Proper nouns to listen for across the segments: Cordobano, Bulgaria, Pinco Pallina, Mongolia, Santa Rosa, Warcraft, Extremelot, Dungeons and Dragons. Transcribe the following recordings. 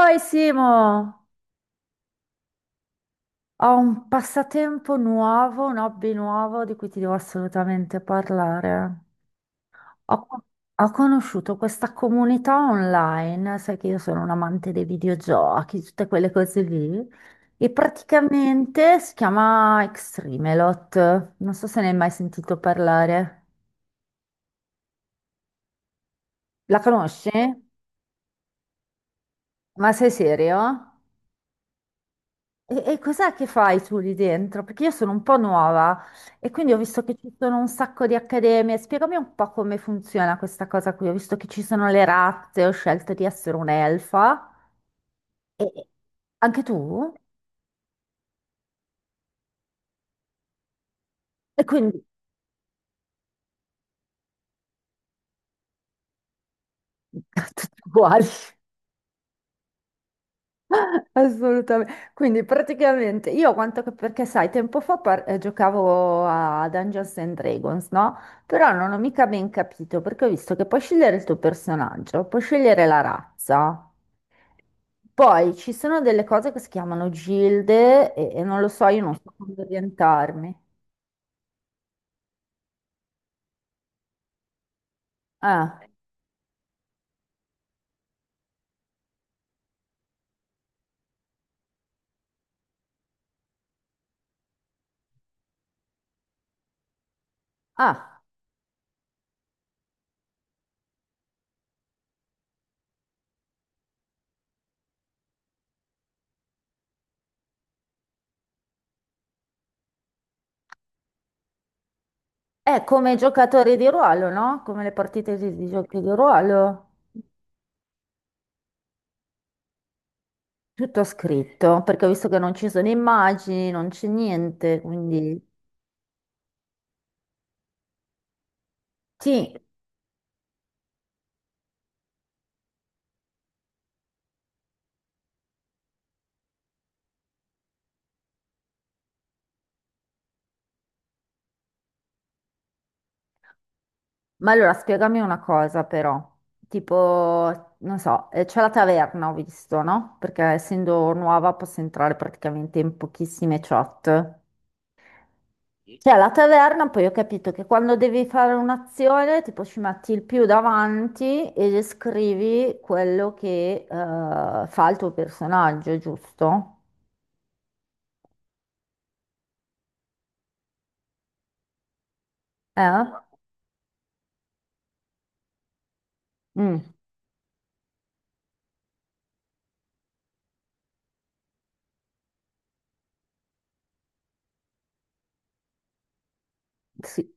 Oi Simo, ho un passatempo nuovo, un hobby nuovo di cui ti devo assolutamente parlare. Ho, ho conosciuto questa comunità online, sai che io sono un amante dei videogiochi, tutte quelle cose lì, e praticamente si chiama Extremelot. Non so se ne hai mai sentito parlare. La conosci? Ma sei serio? E cos'è che fai tu lì dentro? Perché io sono un po' nuova e quindi ho visto che ci sono un sacco di accademie. Spiegami un po' come funziona questa cosa qui. Ho visto che ci sono le razze, ho scelto di essere un'elfa. E e- Anche tu? E quindi tutti uguali. Assolutamente. Quindi praticamente io quanto che perché sai, tempo fa giocavo a Dungeons and Dragons, no? Però non ho mica ben capito perché ho visto che puoi scegliere il tuo personaggio, puoi scegliere la razza. Poi ci sono delle cose che si chiamano gilde e non lo so, io non so come orientarmi. Ah, ah, è come giocatori di ruolo, no? Come le partite di giochi di ruolo. Tutto scritto, perché ho visto che non ci sono immagini, non c'è niente, quindi... Sì, ma allora spiegami una cosa però. Tipo, non so, c'è la taverna, ho visto, no? Perché essendo nuova posso entrare praticamente in pochissime chat. Cioè, la taverna, poi ho capito che quando devi fare un'azione, tipo ci metti il più davanti e descrivi quello che fa il tuo personaggio, giusto? Eh? Mm, sì.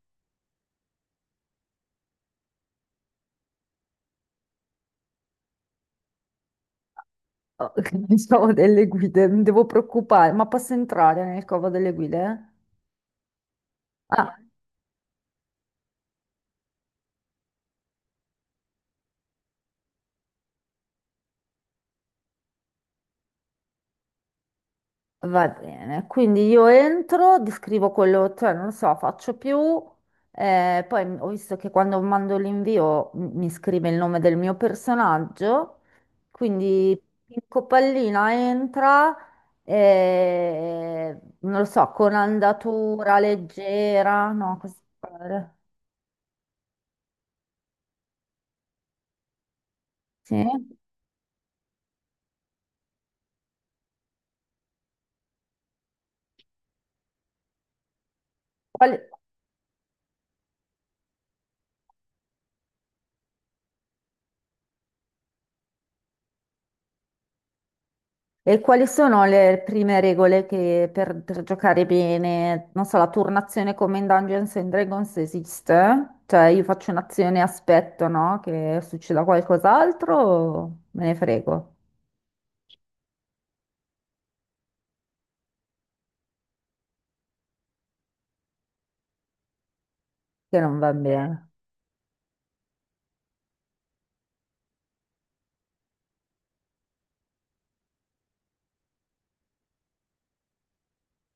Oh, pensavo delle guide, mi devo preoccupare, ma posso entrare nel covo delle guide? Ah, va bene, quindi io entro, descrivo quello, cioè non so, faccio più, poi ho visto che quando mando l'invio mi scrive il nome del mio personaggio, quindi Pinco Pallina entra, non lo so, con andatura leggera, no, così. Pare. Sì. Quali- E quali sono le prime regole che per giocare bene, non so, la turnazione come in Dungeons and Dragons esiste? Cioè io faccio un'azione e aspetto, no? Che succeda qualcos'altro o me ne frego, che non va bene.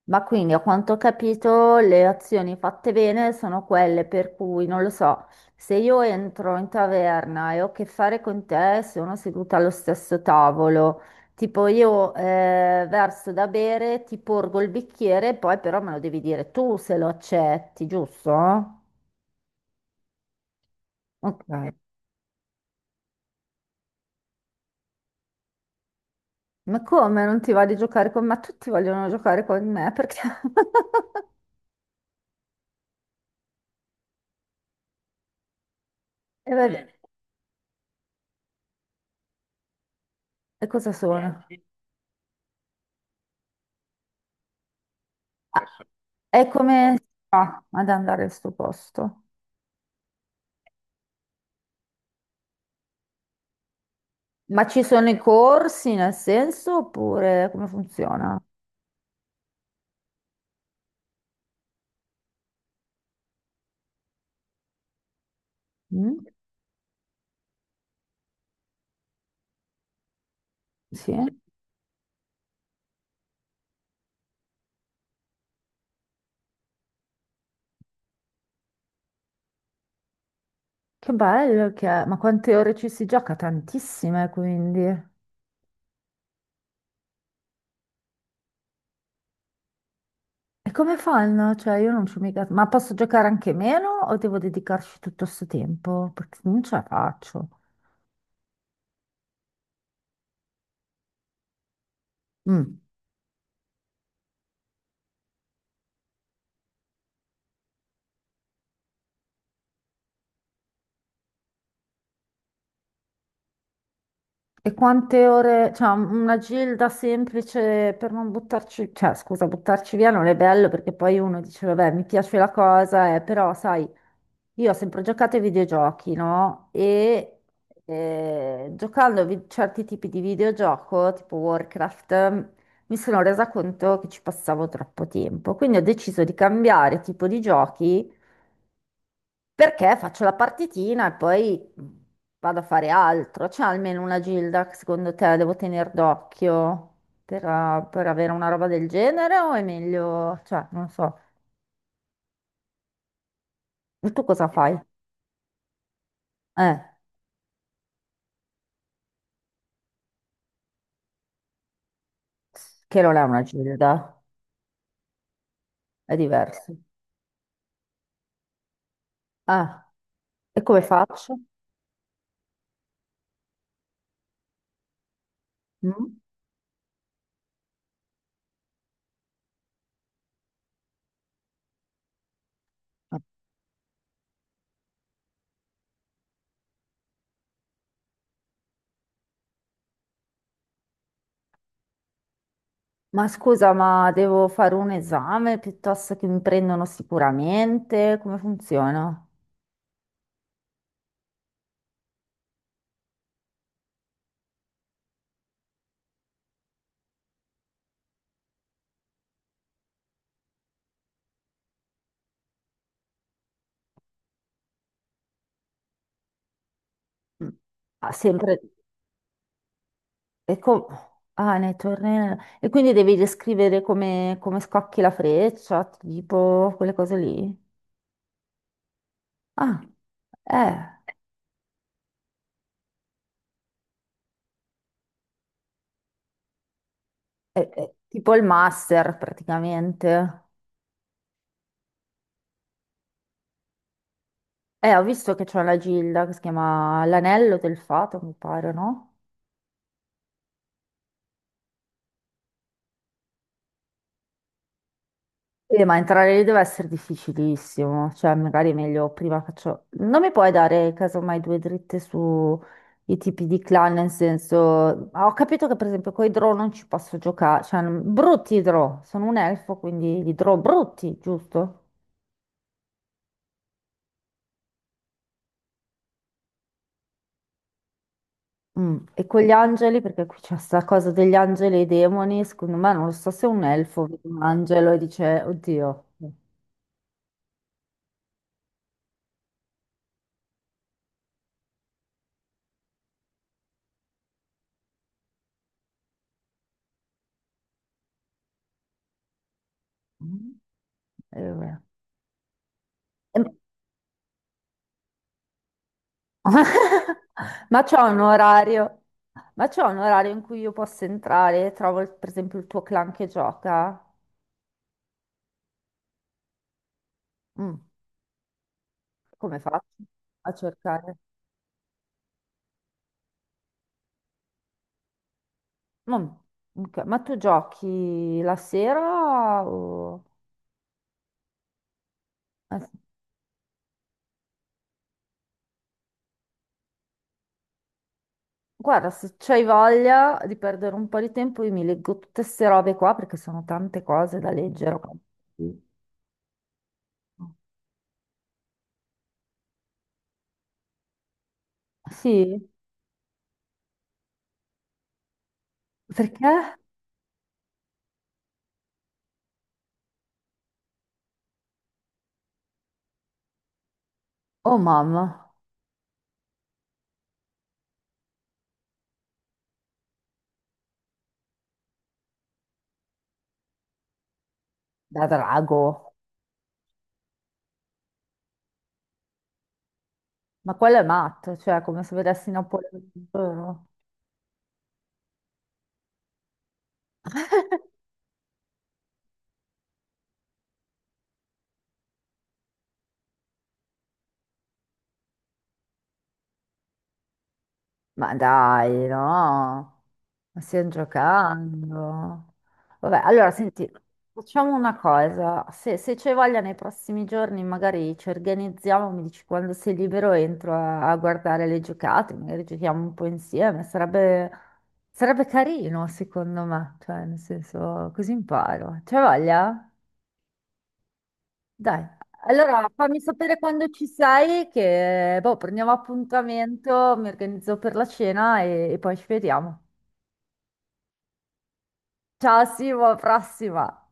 Ma quindi, a quanto ho capito, le azioni fatte bene sono quelle per cui, non lo so, se io entro in taverna e ho a che fare con te, sono seduta allo stesso tavolo, tipo io verso da bere, ti porgo il bicchiere, poi però me lo devi dire tu se lo accetti, giusto? Ok. Ma come non ti va di giocare con me? Tutti vogliono giocare con me perché... E vabbè, e cosa sono? È come... Ah, ad andare al suo posto. Ma ci sono i corsi nel senso oppure come funziona? Mm? Sì, che bello che è. Ma quante ore ci si gioca? Tantissime, quindi. E come fanno? Cioè, io non ci ho mica... Ma posso giocare anche meno o devo dedicarci tutto questo tempo? Perché non ce la faccio. Mm. E quante ore, cioè una gilda semplice per non buttarci, cioè scusa, buttarci via non è bello perché poi uno dice, vabbè, mi piace la cosa, però sai, io ho sempre giocato ai videogiochi, no? E giocando a certi tipi di videogioco, tipo Warcraft, mi sono resa conto che ci passavo troppo tempo, quindi ho deciso di cambiare tipo di giochi perché faccio la partitina e poi vado a fare altro. C'è almeno una Gilda che secondo te devo tenere d'occhio per avere una roba del genere o è meglio, cioè, non so. E tu cosa fai? Eh, che non è una Gilda, è diverso. Ah, e come faccio? Mm? Ma scusa, ma devo fare un esame piuttosto che mi prendono sicuramente? Come funziona? Mm. Ah, sempre. E, com- Nei tornei, e quindi devi descrivere come, come scocchi la freccia, tipo quelle cose lì. Ah, eh, è tipo il master praticamente. Ho visto che c'è una gilda che si chiama l'anello del fato, mi pare, no? Ma entrare lì deve essere difficilissimo, cioè magari è meglio prima faccio... Non mi puoi dare casomai due dritte su i tipi di clan, nel senso... Ho capito che per esempio con i draw non ci posso giocare, cioè non- brutti i draw, sono un elfo quindi i draw brutti, giusto? Mm, e con gli angeli, perché qui c'è sta cosa degli angeli e i demoni, secondo me non lo so se un elfo vede un angelo e dice, oddio. Mm. Vabbè. Ehm, Ma c'è un orario, ma c'è un orario in cui io posso entrare? Trovo il- per esempio il tuo clan che gioca? Mm, come faccio a cercare? Mm, ok, ma tu giochi la sera o- eh, guarda, se c'hai voglia di perdere un po' di tempo, io mi leggo tutte queste robe qua perché sono tante cose da leggere. Sì, sì? Perché? Oh mamma, da drago. Ma quello è matto, cioè come se vedessi Napoleone ogni giorno. Ma dai, no, ma stiamo giocando. Vabbè, allora senti, facciamo una cosa, se c'è voglia nei prossimi giorni magari ci organizziamo, mi dici quando sei libero entro a guardare le giocate, magari giochiamo un po' insieme, sarebbe, sarebbe carino secondo me, cioè nel senso così imparo. C'è voglia? Dai, allora fammi sapere quando ci sei, che boh, prendiamo appuntamento, mi organizzo per la cena e poi ci vediamo. Ciao Simo, alla prossima!